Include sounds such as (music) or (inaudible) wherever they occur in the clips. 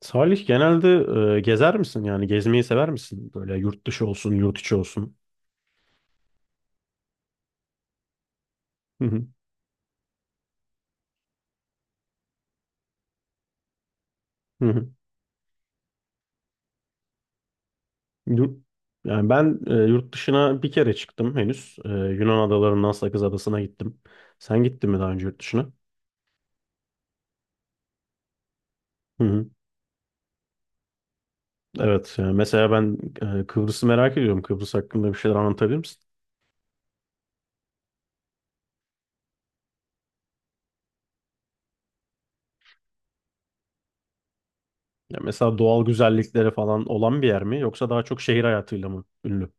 Salih genelde gezer misin? Yani gezmeyi sever misin? Böyle yurt dışı olsun, yurt içi olsun. Hı hı, hı hı. Yurt- Yani ben yurt dışına bir kere çıktım henüz. Yunan adalarından Sakız Adası'na gittim. Sen gittin mi daha önce yurt dışına? Hı hı. Evet, yani mesela ben Kıbrıs'ı merak ediyorum. Kıbrıs hakkında bir şeyler anlatabilir misin? Ya mesela doğal güzellikleri falan olan bir yer mi? Yoksa daha çok şehir hayatıyla mı ünlü?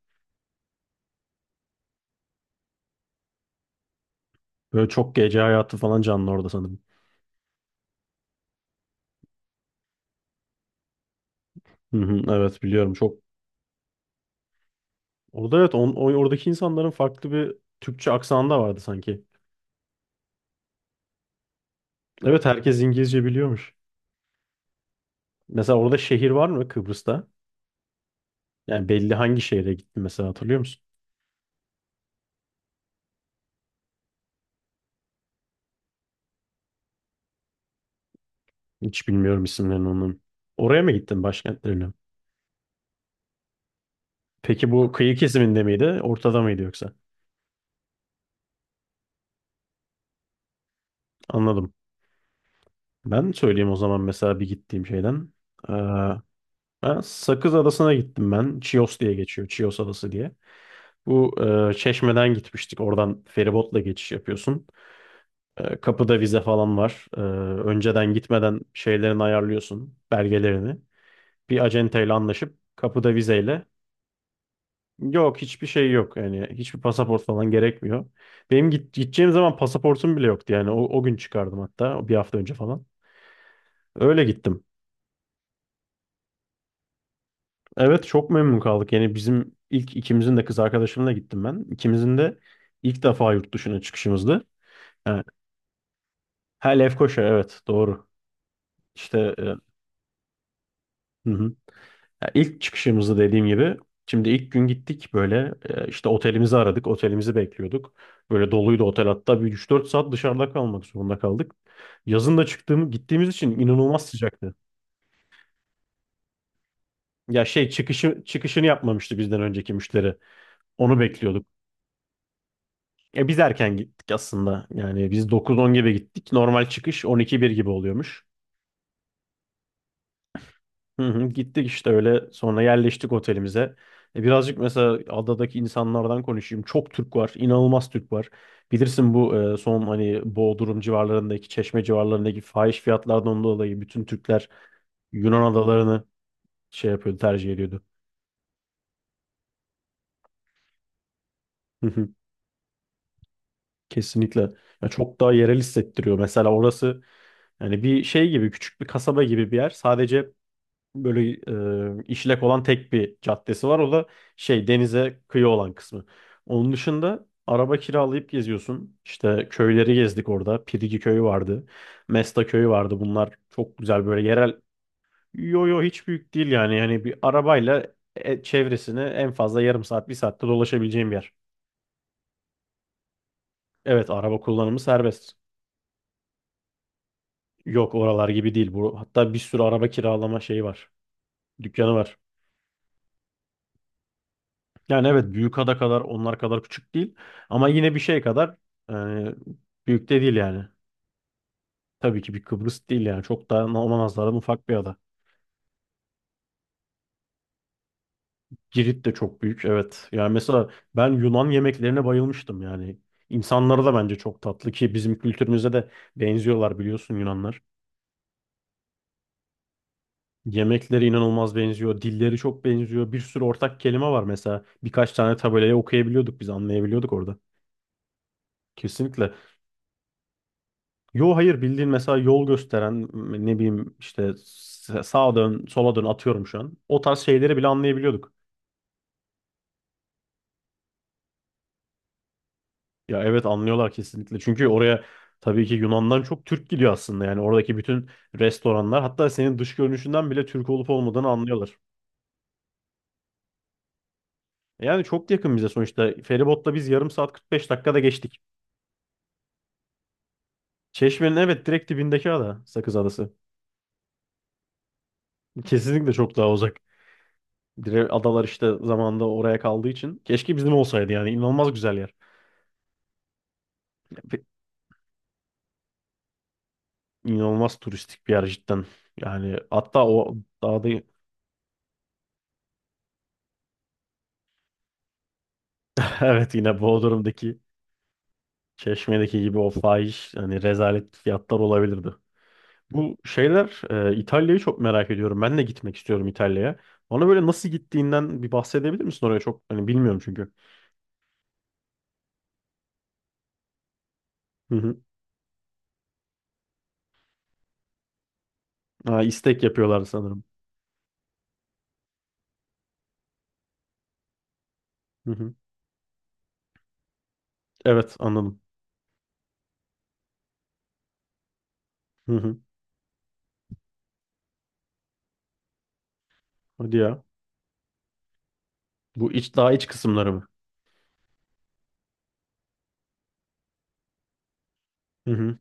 Böyle çok gece hayatı falan canlı orada sanırım. Hı hı, evet biliyorum. Çok. Orada evet oradaki insanların farklı bir Türkçe aksanı da vardı sanki. Evet herkes İngilizce biliyormuş. Mesela orada şehir var mı Kıbrıs'ta? Yani belli hangi şehre gittin mesela hatırlıyor musun? Hiç bilmiyorum isimlerini onun. Oraya mı gittin başkentlerine? Peki bu kıyı kesiminde miydi? Ortada mıydı yoksa? Anladım. Ben söyleyeyim o zaman mesela bir gittiğim şeyden. Ee, Ben Sakız Adası'na gittim ben. Chios diye geçiyor. Chios Adası diye. Bu Çeşme'den gitmiştik. Oradan feribotla geçiş yapıyorsun. Kapıda vize falan var. Önceden gitmeden şeylerini ayarlıyorsun, belgelerini. Bir acenteyle anlaşıp kapıda vizeyle. Yok hiçbir şey yok. Yani hiçbir pasaport falan gerekmiyor. Benim gideceğim zaman pasaportum bile yoktu. Yani o gün çıkardım hatta bir hafta önce falan. Öyle gittim. Evet çok memnun kaldık. Yani bizim ilk ikimizin de kız arkadaşımla gittim ben. İkimizin de ilk defa yurt dışına çıkışımızdı. Yani, ha Lefkoşa evet doğru. İşte, hı hı. Ya ilk çıkışımızda dediğim gibi şimdi ilk gün gittik böyle işte otelimizi aradık. Otelimizi bekliyorduk. Böyle doluydu otel hatta bir 3-4 saat dışarıda kalmak zorunda kaldık. Yazın da gittiğimiz için inanılmaz sıcaktı. Ya şey çıkışını yapmamıştı bizden önceki müşteri. Onu bekliyorduk. Biz erken gittik aslında. Yani biz 9-10 gibi gittik. Normal çıkış 12-1 gibi oluyormuş. Hı hı, gittik işte öyle sonra yerleştik otelimize. Birazcık mesela adadaki insanlardan konuşayım. Çok Türk var, inanılmaz Türk var. Bilirsin bu son hani Bodrum civarlarındaki, Çeşme civarlarındaki fahiş fiyatlardan dolayı bütün Türkler Yunan adalarını şey yapıyordu, tercih ediyordu. Hı hı. Kesinlikle. Ya çok daha yerel hissettiriyor. Mesela orası yani bir şey gibi küçük bir kasaba gibi bir yer. Sadece böyle işlek olan tek bir caddesi var. O da şey denize kıyı olan kısmı. Onun dışında araba kiralayıp geziyorsun. İşte köyleri gezdik orada. Pirigi köyü vardı. Mesta köyü vardı. Bunlar çok güzel böyle yerel. Yo yo hiç büyük değil yani. Yani bir arabayla çevresini en fazla yarım saat bir saatte dolaşabileceğim bir yer. Evet araba kullanımı serbest. Yok oralar gibi değil bu. Hatta bir sürü araba kiralama şeyi var. Dükkanı var. Yani evet Büyükada kadar onlar kadar küçük değil. Ama yine bir şey kadar yani büyük de değil yani. Tabii ki bir Kıbrıs değil yani. Çok daha ona nazaran ufak bir ada. Girit de çok büyük evet. Yani mesela ben Yunan yemeklerine bayılmıştım yani. İnsanları da bence çok tatlı ki bizim kültürümüze de benziyorlar biliyorsun Yunanlar. Yemekleri inanılmaz benziyor. Dilleri çok benziyor. Bir sürü ortak kelime var mesela. Birkaç tane tabelayı okuyabiliyorduk biz anlayabiliyorduk orada. Kesinlikle. Yo hayır bildiğin mesela yol gösteren ne bileyim işte sağa dön sola dön atıyorum şu an. O tarz şeyleri bile anlayabiliyorduk. Ya evet anlıyorlar kesinlikle. Çünkü oraya tabii ki Yunan'dan çok Türk gidiyor aslında. Yani oradaki bütün restoranlar hatta senin dış görünüşünden bile Türk olup olmadığını anlıyorlar. Yani çok yakın bize sonuçta. Feribotla biz yarım saat 45 dakikada geçtik. Çeşme'nin evet direkt dibindeki ada Sakız Adası. Kesinlikle çok daha uzak. Adalar işte zamanında oraya kaldığı için. Keşke bizim olsaydı yani inanılmaz güzel yer. İnanılmaz turistik bir yer cidden. Yani hatta o dağda (laughs) evet yine Bodrum'daki Çeşme'deki gibi o fahiş hani rezalet fiyatlar olabilirdi. Bu şeyler İtalya'yı çok merak ediyorum. Ben de gitmek istiyorum İtalya'ya. Bana böyle nasıl gittiğinden bir bahsedebilir misin oraya çok hani bilmiyorum çünkü. Hı hı. Ha, istek yapıyorlar sanırım. Hı hı. Evet anladım. Hı hı. Hadi ya. Bu iç Daha iç kısımları mı? Hı hı.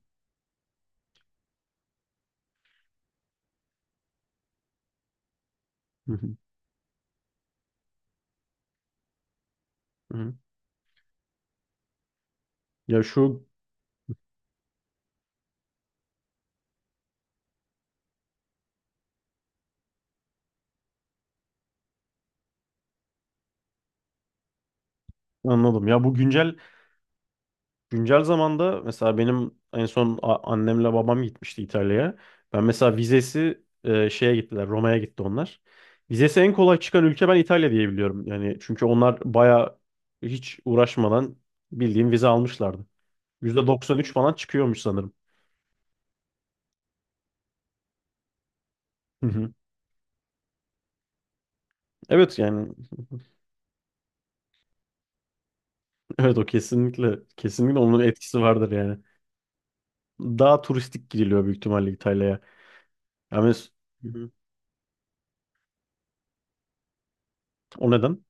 Hı hı. Hı hı. Ya şu Anladım. Ya bu güncel Güncel zamanda mesela benim en son annemle babam gitmişti İtalya'ya. Ben mesela vizesi şeye gittiler, Roma'ya gitti onlar. Vizesi en kolay çıkan ülke ben İtalya diye biliyorum. Yani çünkü onlar baya hiç uğraşmadan bildiğim vize almışlardı. %93 falan çıkıyormuş sanırım. Hı hı. Evet yani (laughs) evet o kesinlikle kesinlikle onun etkisi vardır yani. Daha turistik gidiliyor büyük ihtimalle İtalya'ya. Yani hı hı. O neden?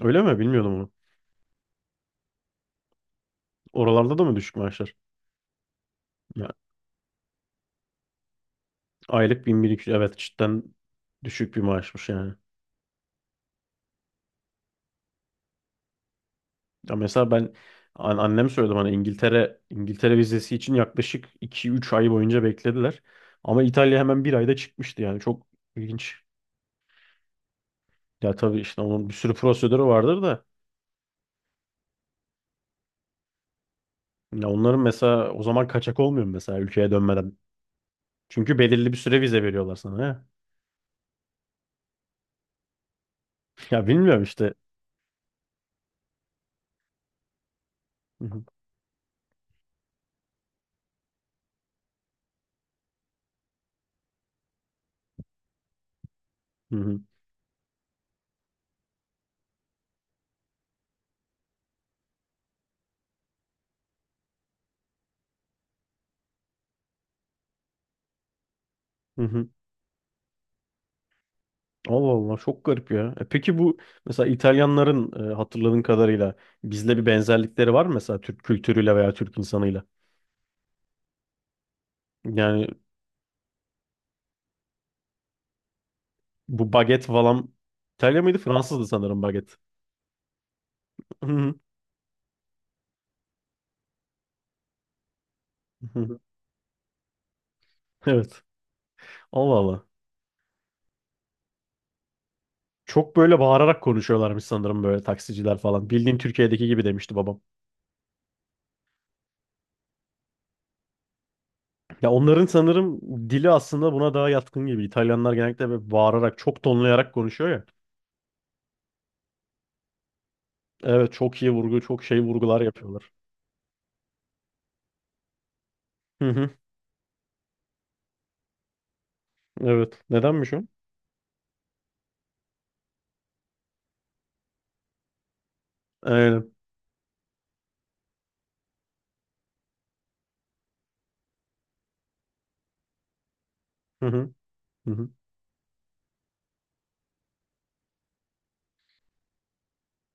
Öyle mi? Bilmiyordum onu. Oralarda da mı düşük maaşlar? Aylık 1.200 evet cidden düşük bir maaşmış yani. Ya mesela ben annem söyledi bana İngiltere vizesi için yaklaşık 2-3 ay boyunca beklediler. Ama İtalya hemen bir ayda çıkmıştı yani çok ilginç. Ya tabii işte onun bir sürü prosedürü vardır da ya onların mesela o zaman kaçak olmuyor mu mesela ülkeye dönmeden? Çünkü belirli bir süre vize veriyorlar sana ya. (laughs) Ya bilmiyorum işte. Hı hı, hı hı, hı hı. Allah Allah çok garip ya. Peki bu mesela İtalyanların hatırladığın kadarıyla bizle bir benzerlikleri var mı mesela Türk kültürüyle veya Türk insanıyla? Yani bu baget falan İtalya mıydı? Fransızdı sanırım baget. (laughs) Hı hı. Evet. Allah Allah. Çok böyle bağırarak konuşuyorlarmış sanırım böyle taksiciler falan. Bildiğin Türkiye'deki gibi demişti babam. Ya onların sanırım dili aslında buna daha yatkın gibi. İtalyanlar genellikle böyle bağırarak, çok tonlayarak konuşuyor ya. Evet, çok iyi vurgu, çok şey vurgular yapıyorlar. Hı hı, evet. Nedenmiş o? Aynen. Hı hı. Hı hı.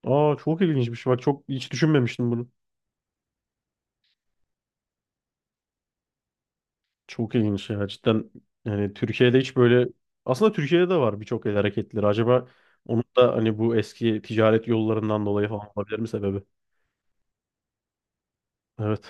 Aa çok ilginçmiş. Bak çok hiç düşünmemiştim bunu. Çok ilginç ya. Cidden yani Türkiye'de hiç böyle aslında Türkiye'de de var birçok el hareketleri. Acaba onun da hani bu eski ticaret yollarından dolayı falan olabilir mi sebebi? Evet.